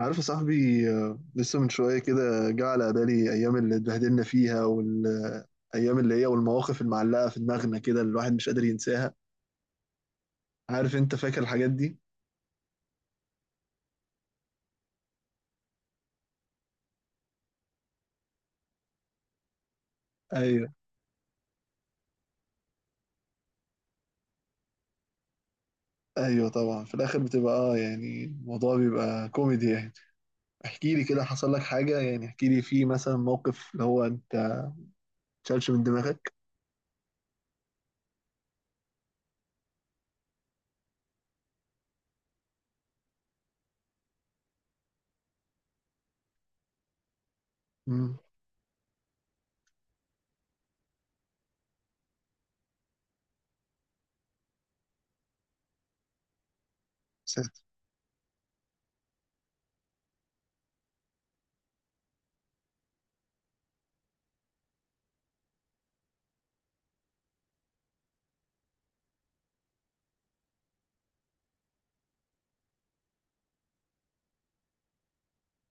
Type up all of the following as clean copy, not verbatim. عارف يا صاحبي، لسه من شوية كده جه على بالي أيام اللي اتبهدلنا فيها والأيام اللي هي والمواقف المعلقة في دماغنا كده اللي الواحد مش قادر ينساها. عارف أنت فاكر الحاجات دي؟ أيوه، أيوه، طبعا في الآخر بتبقى يعني الموضوع بيبقى كوميدي يعني. احكي لي كده، حصل لك حاجة يعني. احكي لي في مثلا موقف اللي هو أنت متشالش من دماغك. امم. ساتر.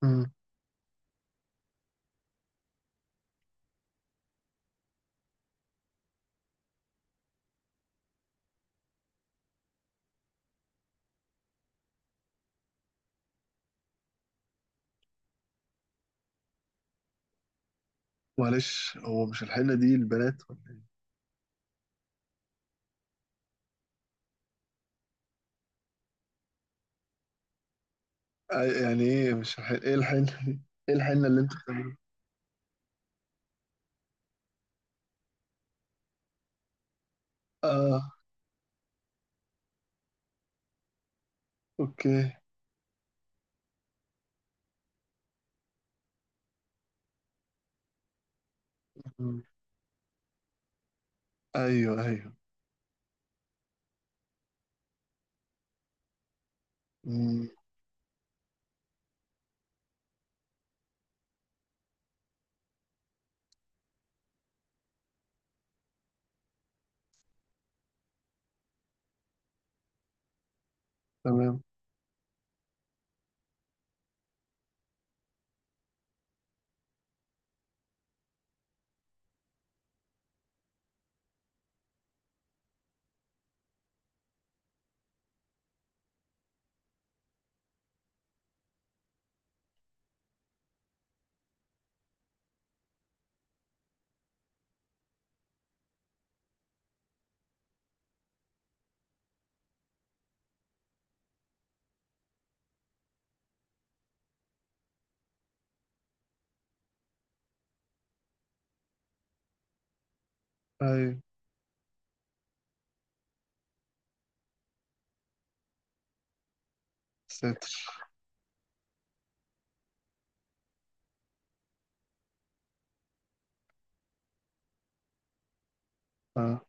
امم. معلش، هو مش الحنة دي البنات ولا إيه؟ يعني إيه، مش الحنة؟ إيه الحنة دي؟ إيه الحنة اللي أنتوا بتعملوها؟ آه، أوكي. مم. ايوه، ايوه. مم. تمام. ايوه. ساتر. اه.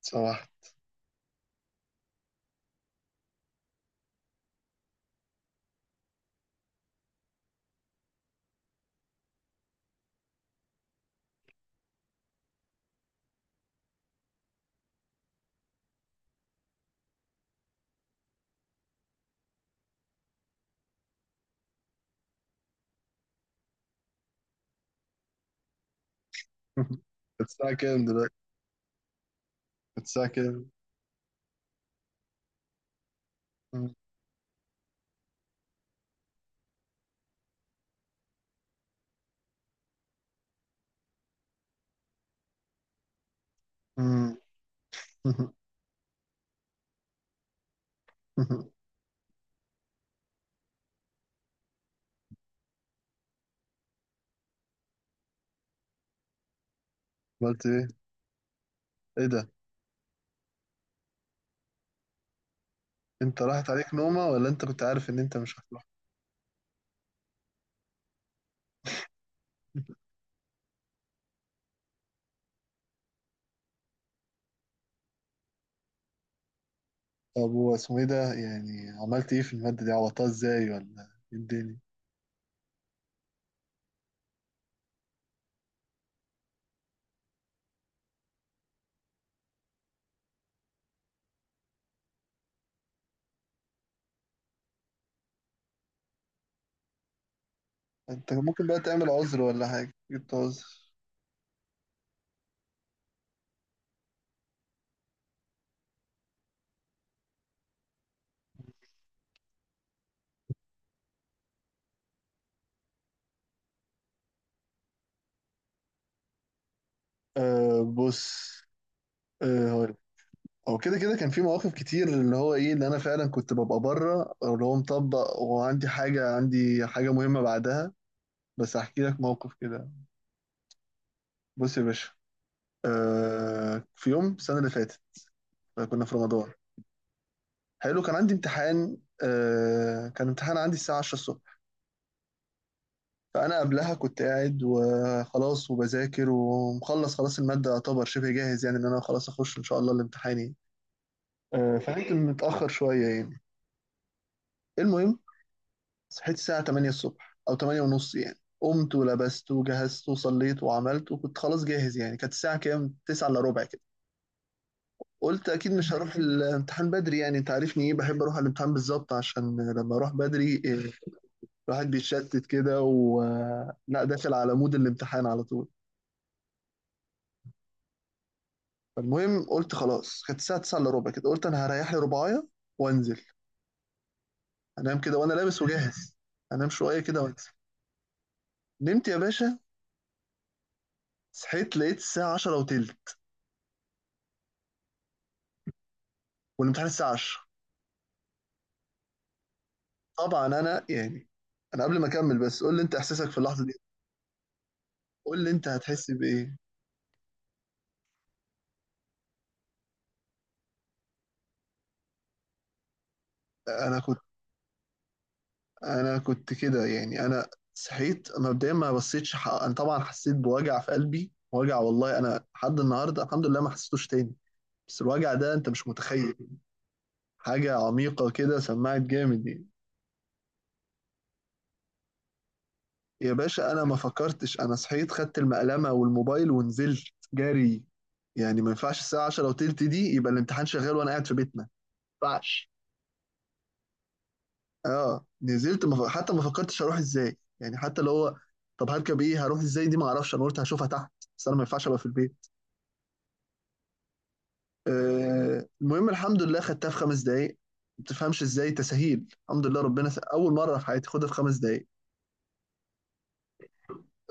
صباح. الساعة كام دلوقتي؟ الساعة كام؟ مم. مم. عملت ايه؟ ايه ده؟ انت راحت عليك نومة، ولا انت كنت عارف ان انت مش هتروح؟ طب هو اسمه ايه ده؟ يعني عملت ايه في المادة دي؟ عوضتها ازاي، ولا ايه الدنيا؟ انت ممكن بقى تعمل عذر، ولا حاجة، جبت عذر؟ آه، بص. آه. هو كده كده كان في مواقف كتير، اللي هو ايه، اللي انا فعلا كنت ببقى بره، أو اللي هو مطبق وعندي حاجه عندي حاجه مهمه بعدها. بس هحكي لك موقف كده. بص يا باشا. في يوم السنه اللي فاتت، كنا في رمضان. حلو، كان عندي امتحان. كان امتحان عندي الساعه 10 الصبح. فانا قبلها كنت قاعد وخلاص وبذاكر ومخلص خلاص الماده، يعتبر شبه جاهز يعني، ان انا خلاص اخش ان شاء الله الامتحان يعني. فنمت متاخر شويه يعني. المهم، صحيت الساعة 8 الصبح أو 8 ونص يعني، قمت ولبست وجهزت وصليت وعملت وكنت خلاص جاهز يعني. كانت الساعة كام؟ 9 إلا ربع كده. قلت أكيد مش هروح الامتحان بدري، يعني أنت عارفني، إيه، بحب أروح على الامتحان بالظبط، عشان لما أروح بدري، إيه، الواحد بيتشتت كده، و لا، داخل على مود الامتحان على طول. فالمهم قلت خلاص، كانت الساعة 9 إلا ربع كده، قلت أنا هريح لي ربعاية وأنزل، أنام كده وأنا لابس وجاهز، أنام شوية كده وأنزل. نمت يا باشا، صحيت لقيت الساعة 10 وتلت، والامتحان الساعة 10. طبعا انا يعني، انا قبل ما اكمل، بس قول لي انت احساسك في اللحظه دي، قول لي انت هتحس بايه. انا كنت انا كنت كده يعني، انا صحيت مبدئيا، ما بصيتش حق. انا طبعا حسيت بوجع في قلبي، وجع والله، انا لحد النهارده الحمد لله ما حسيتوش تاني. بس الوجع ده انت مش متخيل، حاجه عميقه كده، سمعت جامد يعني. يا باشا انا ما فكرتش، انا صحيت خدت المقلمه والموبايل ونزلت جري. يعني ما ينفعش الساعه 10 وتلت دي يبقى الامتحان شغال وانا قاعد في بيتنا، ما ينفعش. اه، نزلت حتى ما فكرتش اروح ازاي يعني، حتى لو هو، طب هركب ايه، هروح ازاي دي، ما اعرفش، انا قلت هشوفها تحت، بس انا ما ينفعش ابقى في البيت. المهم، الحمد لله خدتها في 5 دقايق. ما تفهمش ازاي، تسهيل الحمد لله، اول مره في حياتي خدها في 5 دقايق.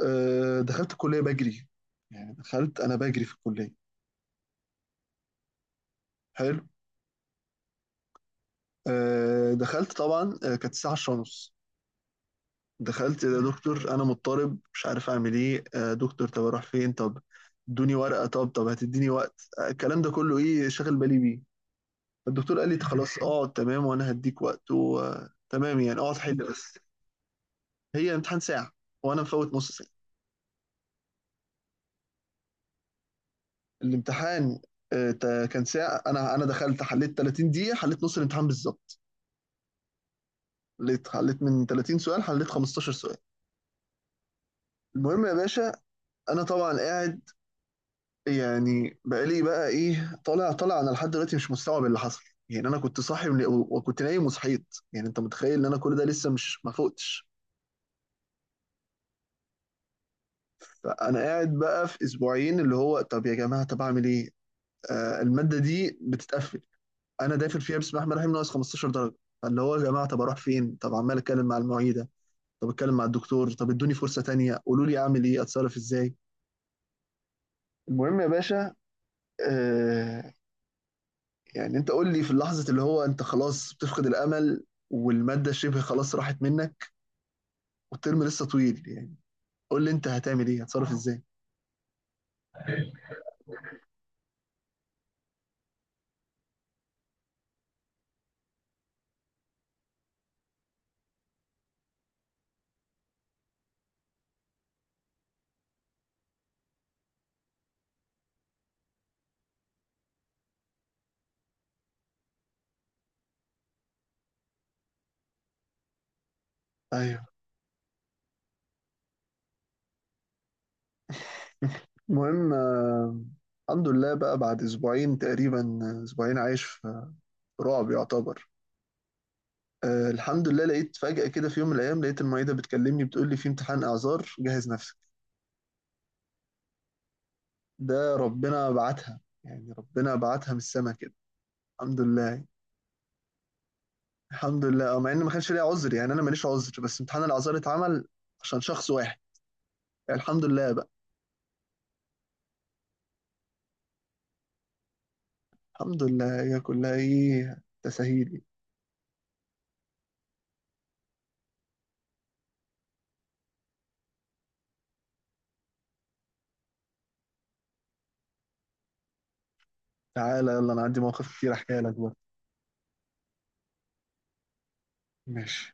دخلت الكليه بجري، يعني دخلت انا بجري في الكليه. حلو. دخلت طبعا، كانت الساعه 10:30. دخلت، يا دكتور انا مضطرب مش عارف اعمل ايه، دكتور طب اروح فين، طب ادوني ورقه، طب، هتديني وقت، الكلام ده كله ايه، شاغل بالي بيه. الدكتور قال لي خلاص، اقعد تمام وانا هديك وقت وتمام يعني، اقعد حل بس. هي امتحان ساعه وانا مفوت نص ساعه. الامتحان، كان ساعه. انا دخلت، حليت 30 دقيقه، حليت نص الامتحان بالظبط. حليت من 30 سؤال، حليت 15 سؤال. المهم يا باشا، انا طبعا قاعد، يعني بقالي بقى ايه طالع، طالع، انا لحد دلوقتي مش مستوعب اللي حصل، يعني انا كنت صاحي وكنت نايم وصحيت، يعني انت متخيل ان انا كل ده لسه مش ما فقتش. فانا قاعد بقى في اسبوعين، اللي هو طب يا جماعه، طب اعمل ايه، الماده دي بتتقفل، انا داخل فيها بسم الله الرحمن الرحيم ناقص 15 درجه، اللي هو يا جماعه طب اروح فين، طب عمال اتكلم مع المعيده، طب اتكلم مع الدكتور، طب ادوني فرصه تانيه، قولوا لي اعمل ايه، اتصرف ازاي. المهم يا باشا، آه، يعني انت قول لي في اللحظة اللي هو انت خلاص بتفقد الامل والمادة شبه خلاص راحت منك والترم لسه طويل يعني، قول لي انت هتعمل ايه، هتصرف ازاي. ايوه. المهم، الحمد لله بقى بعد اسبوعين تقريبا، اسبوعين عايش في رعب يعتبر. الحمد لله لقيت فجأة كده، في يوم من الايام لقيت المعيدة بتكلمني، بتقول لي في امتحان اعذار، جهز نفسك. ده ربنا بعتها، يعني ربنا بعتها من السما كده. الحمد لله. الحمد لله. مع ان ما كانش ليا عذر، يعني انا ماليش عذر، بس امتحان الاعذار اتعمل عشان شخص واحد، يعني الحمد لله بقى. الحمد لله، هي كلها ايه، تسهيل. تعالى يلا، انا عندي مواقف كتير احكيها لك بقى. ماشي.